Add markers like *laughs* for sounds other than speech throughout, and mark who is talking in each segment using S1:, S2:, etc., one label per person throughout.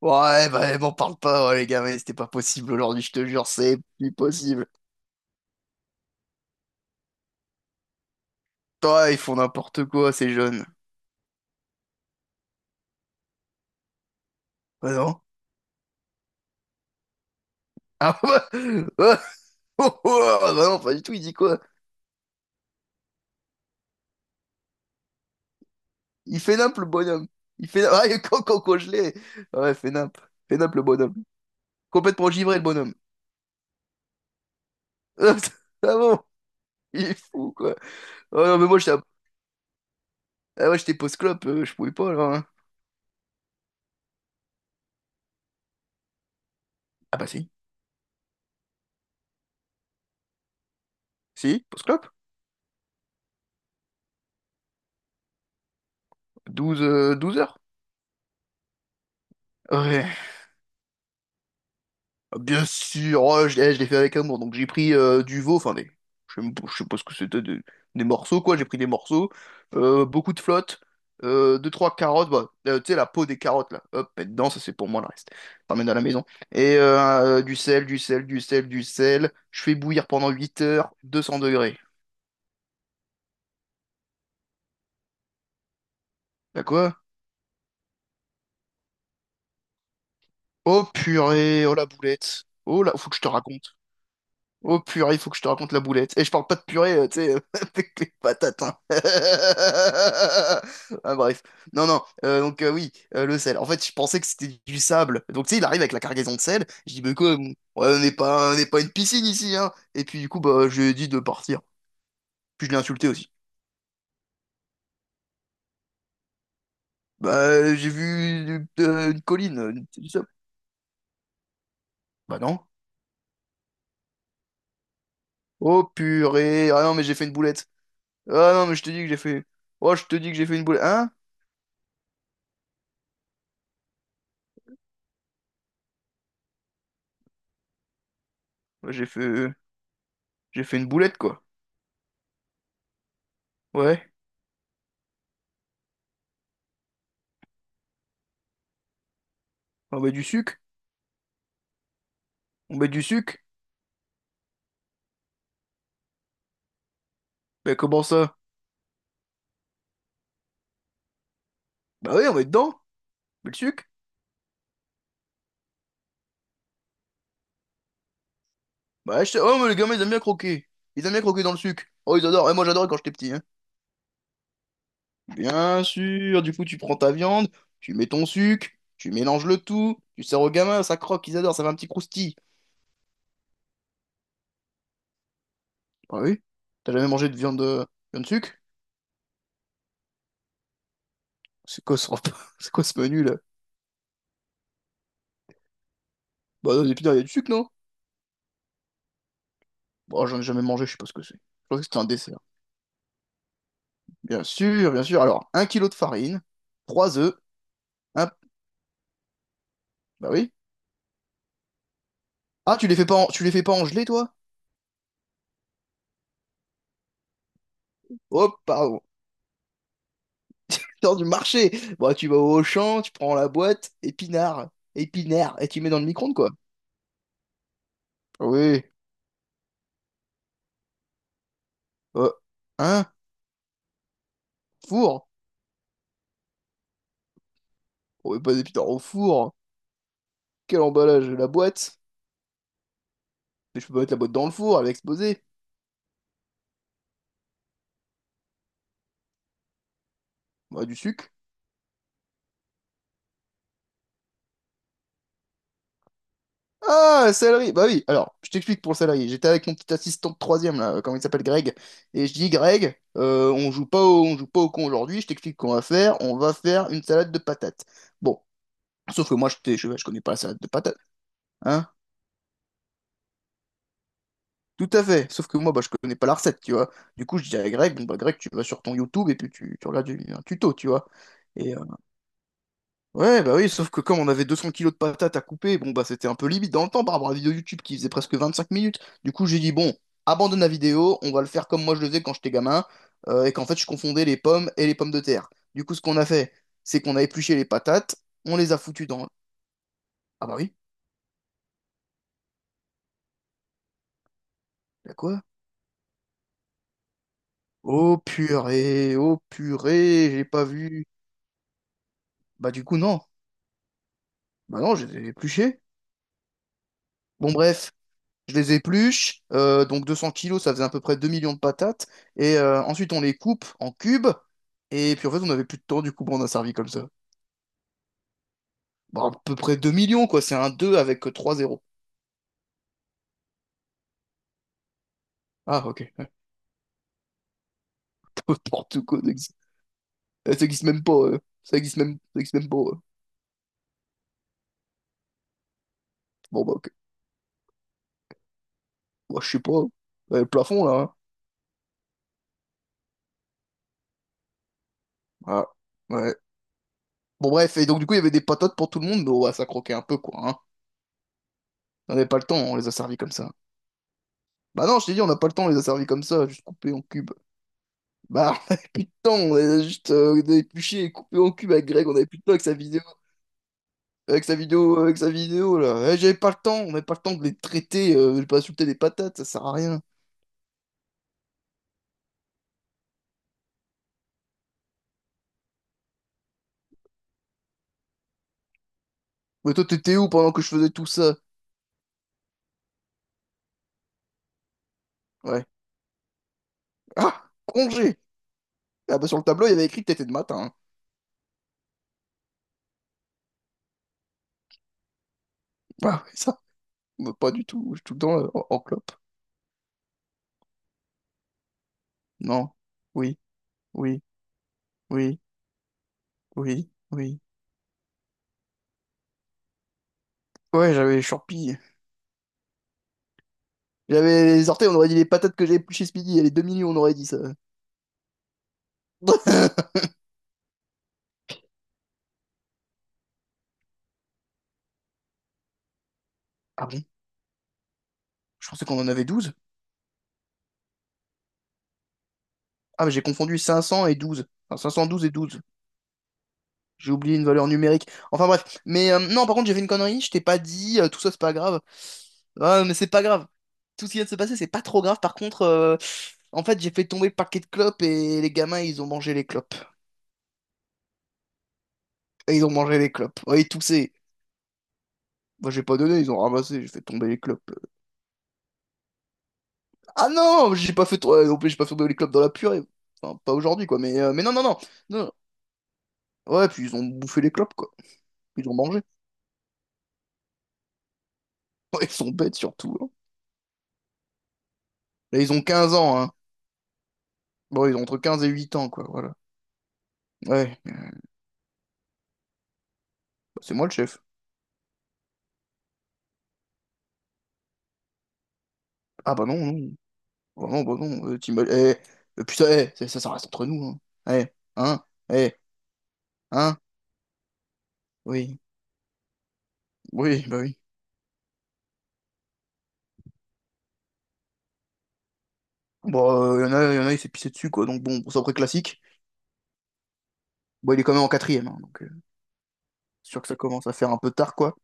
S1: Ouais, bah, m'en parle pas, ouais, les gars, mais c'était pas possible aujourd'hui, je te jure, c'est plus possible. Toi, ils font n'importe quoi, ces jeunes. Bah non. Ah *laughs* bah, bah, oh, oh, ah, bah non, pas du tout, il dit quoi? Il fait nimp, le bonhomme. Il fait Ah, *laughs* quand je l'ai. Ouais, fait nimp. Fait nimp, le bonhomme. Complètement givré, le bonhomme. *laughs* Ah bon? Il est fou, quoi. Oh non, mais moi, ah, ouais, j'étais post-clope, je pouvais pas, là, hein. Ah bah si. Si, post-clope? Douze 12 heures. Ouais. Bien sûr, oh, je l'ai fait avec amour. Donc j'ai pris du veau, enfin des, je sais pas ce que c'était, des morceaux quoi. J'ai pris des morceaux, beaucoup de flotte, deux trois carottes, bah, tu sais la peau des carottes là, hop, mets dedans, ça c'est pour moi le reste. T'emmènes à la maison. Et du sel, du sel, du sel, du sel. Je fais bouillir pendant 8 heures, 200 degrés. Bah quoi? Oh purée, oh la boulette, oh là, faut que je te raconte. Oh purée, il faut que je te raconte la boulette. Et je parle pas de purée, tu sais, *laughs* avec les patates, hein. *laughs* Ah, bref. Non, non. Donc oui, le sel. En fait, je pensais que c'était du sable. Donc tu sais, il arrive avec la cargaison de sel. Je dis, mais quoi, ouais, on n'est pas une piscine ici, hein. Et puis du coup, bah, je lui ai dit de partir. Puis je l'ai insulté aussi. Bah, j'ai vu une colline, c'est du sable. Bah non. Oh purée. Ah non, mais j'ai fait une boulette. Ah non, mais je te dis que j'ai fait. Oh, je te dis que j'ai fait une boulette. Hein? Ouais, j'ai fait une boulette, quoi. Ouais. On met du sucre? On met du sucre? Mais comment ça? Bah oui, on met dedans. On le sucre? Oh, mais les gamins, ils aiment bien croquer. Ils aiment bien croquer dans le sucre. Oh, ils adorent. Et moi, j'adorais quand j'étais petit, hein. Bien sûr. Du coup, tu prends ta viande, tu mets ton sucre, tu mélanges le tout, tu sers aux gamins, ça croque, ils adorent, ça fait un petit croustille. Bah oui. T'as jamais mangé de viande, viande sucre? C'est quoi ce repas? *laughs* C'est quoi ce menu, là? Bah non, mais putain, il y a du sucre, non? Bon, j'en ai jamais mangé, je sais pas ce que c'est. Je pensais que c'était un dessert. Bien sûr, bien sûr. Alors, 1 kilo de farine, trois œufs, un... Bah oui. Ah, tu les fais pas engeler, toi? Oh, pardon. Putain du marché. Bon, tu vas au Auchan, tu prends la boîte, épinard, épinard, et tu mets dans le micro-ondes, quoi. Ah oui. Euh, hein? Four? On met pas des épinards au four. Quel emballage, la boîte. Mais je peux pas mettre la boîte dans le four, elle va exploser. Bah, du sucre. Ah, salarié. Bah oui. Alors, je t'explique pour le salarié. J'étais avec mon petit assistant de troisième, là, comment il s'appelle, Greg. Et je dis, Greg, on joue pas au con aujourd'hui. Je t'explique qu'on va faire. On va faire une salade de patates. Bon. Sauf que moi, je connais pas la salade de patates. Hein? Tout à fait. Sauf que moi, bah, je connais pas la recette, tu vois. Du coup, je dis à Greg, bon, bah, Greg, tu vas sur ton YouTube et puis tu regardes un tuto, tu vois. Et ouais, bah oui, sauf que comme on avait 200 kilos de patates à couper, bon, bah, c'était un peu limite dans le temps par rapport à la vidéo YouTube qui faisait presque 25 minutes. Du coup, j'ai dit, bon, abandonne la vidéo, on va le faire comme moi je le faisais quand j'étais gamin, et qu'en fait, je confondais les pommes et les pommes de terre. Du coup, ce qu'on a fait, c'est qu'on a épluché les patates, on les a foutues dans. Ah bah oui, bah quoi? Oh purée, j'ai pas vu. Bah du coup non. Bah non, je les ai épluchés. Bon bref, je les épluche, donc 200 kilos, ça faisait à peu près 2 millions de patates. Et ensuite on les coupe en cubes. Et puis en fait on avait plus de temps, du coup bon, on a servi comme ça. Bah à peu près 2 millions quoi, c'est un 2 avec 3 zéros. Ah ok, *laughs* n'importe quoi, ça existe même pas. Ça existe même pas. Bon, bah, ok, bah, je sais pas. Le plafond là, hein. Ah. Ouais. Bon, bref, et donc, du coup, il y avait des patates pour tout le monde, mais ouais, ça croquait un peu, quoi, hein. On n'avait pas le temps, on les a servis comme ça. Bah non, je t'ai dit, on n'a pas le temps, on les a servis comme ça, juste coupés en cubes. Bah, *laughs* on avait plus de temps, on les a juste épluchés et coupés en cubes avec Greg, on avait plus de temps avec sa vidéo, avec sa vidéo, là. Eh, j'avais pas le temps, on n'avait pas le temps de les traiter, de pas insulter les patates, ça sert à rien. Mais toi, t'étais où pendant que je faisais tout ça? Ouais. Ah, congé! Ah bah sur le tableau, il y avait écrit que t'étais de matin, hein. Ah, ouais, ça, bah, pas du tout, je suis tout le temps en clope. Non, oui, oui, oui. Oui, oui. Ouais, j'avais les Chourpis. J'avais les orteils, on aurait dit les patates que j'avais plus chez Speedy, et les 2 millions, on aurait dit ça. *laughs* Ah bon? Je pensais qu'on en avait 12. Ah, mais j'ai confondu 500 et 12. Enfin, 512 et 12. J'ai oublié une valeur numérique. Enfin bref. Mais non, par contre, j'ai fait une connerie, je t'ai pas dit, tout ça, c'est pas grave. Ah, mais c'est pas grave. Tout ce qui vient de se passer, c'est pas trop grave. Par contre, en fait, j'ai fait tomber le paquet de clopes et les gamins, ils ont mangé les clopes. Et ils ont mangé les clopes. Ouais, ils toussaient. Moi, j'ai pas donné, ils ont ramassé, j'ai fait tomber les clopes. Ah non, j'ai pas fait trop- ouais, non plus, j'ai pas fait tomber les clopes dans la purée. Enfin, pas aujourd'hui, quoi, mais non, non, non, non. Ouais, puis ils ont bouffé les clopes, quoi. Ils ont mangé. *laughs* Ouais, ils sont bêtes, surtout, hein. Là, ils ont 15 ans, hein. Bon, ils ont entre 15 et 8 ans, quoi, voilà. Ouais, bah, c'est moi le chef. Ah bah non, non. Bah non, bah non. Putain, eh, ça reste entre nous, hein. Eh, hein, eh, hein, oui, oui, bah oui. Bon, il s'est pissé dessus, quoi, donc bon, c'est à peu près classique. Bon, il est quand même en quatrième, hein, donc c'est sûr que ça commence à faire un peu tard, quoi.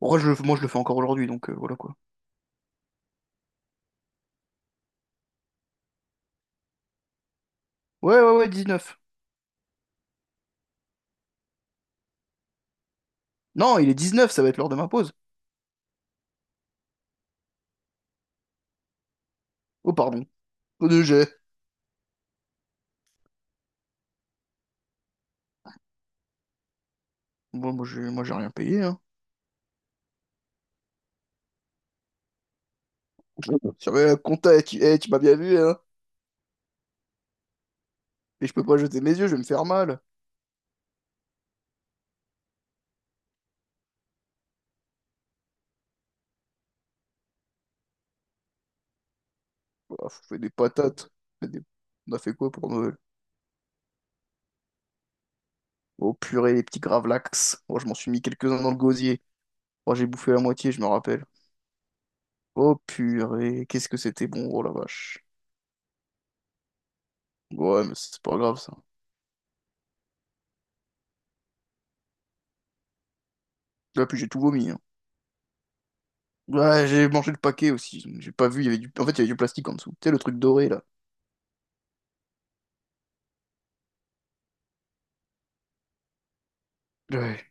S1: Moi, je le fais encore aujourd'hui, donc voilà quoi. Ouais, ouais, ouais, 19. Non, il est 19, ça va être l'heure de ma pause. Oh, pardon. Oh, de jet. Bon, moi, j'ai rien payé, hein. *laughs* Sur le compta, eh, tu m'as bien vu, hein. Mais je peux pas jeter mes yeux, je vais me faire mal. Oh, je fais des patates. Je fais des- On a fait quoi pour Noël? Oh, purée, les petits gravlax. Moi, je m'en suis mis quelques-uns dans le gosier. Moi, j'ai bouffé la moitié, je me rappelle. Oh, purée, qu'est-ce que c'était bon, oh la vache. Ouais, mais c'est pas grave, ça. Là, puis j'ai tout vomi, hein. Ouais, j'ai mangé le paquet aussi. J'ai pas vu, il y avait du. En fait, il y avait du plastique en dessous. Tu sais, le truc doré, là. Ouais.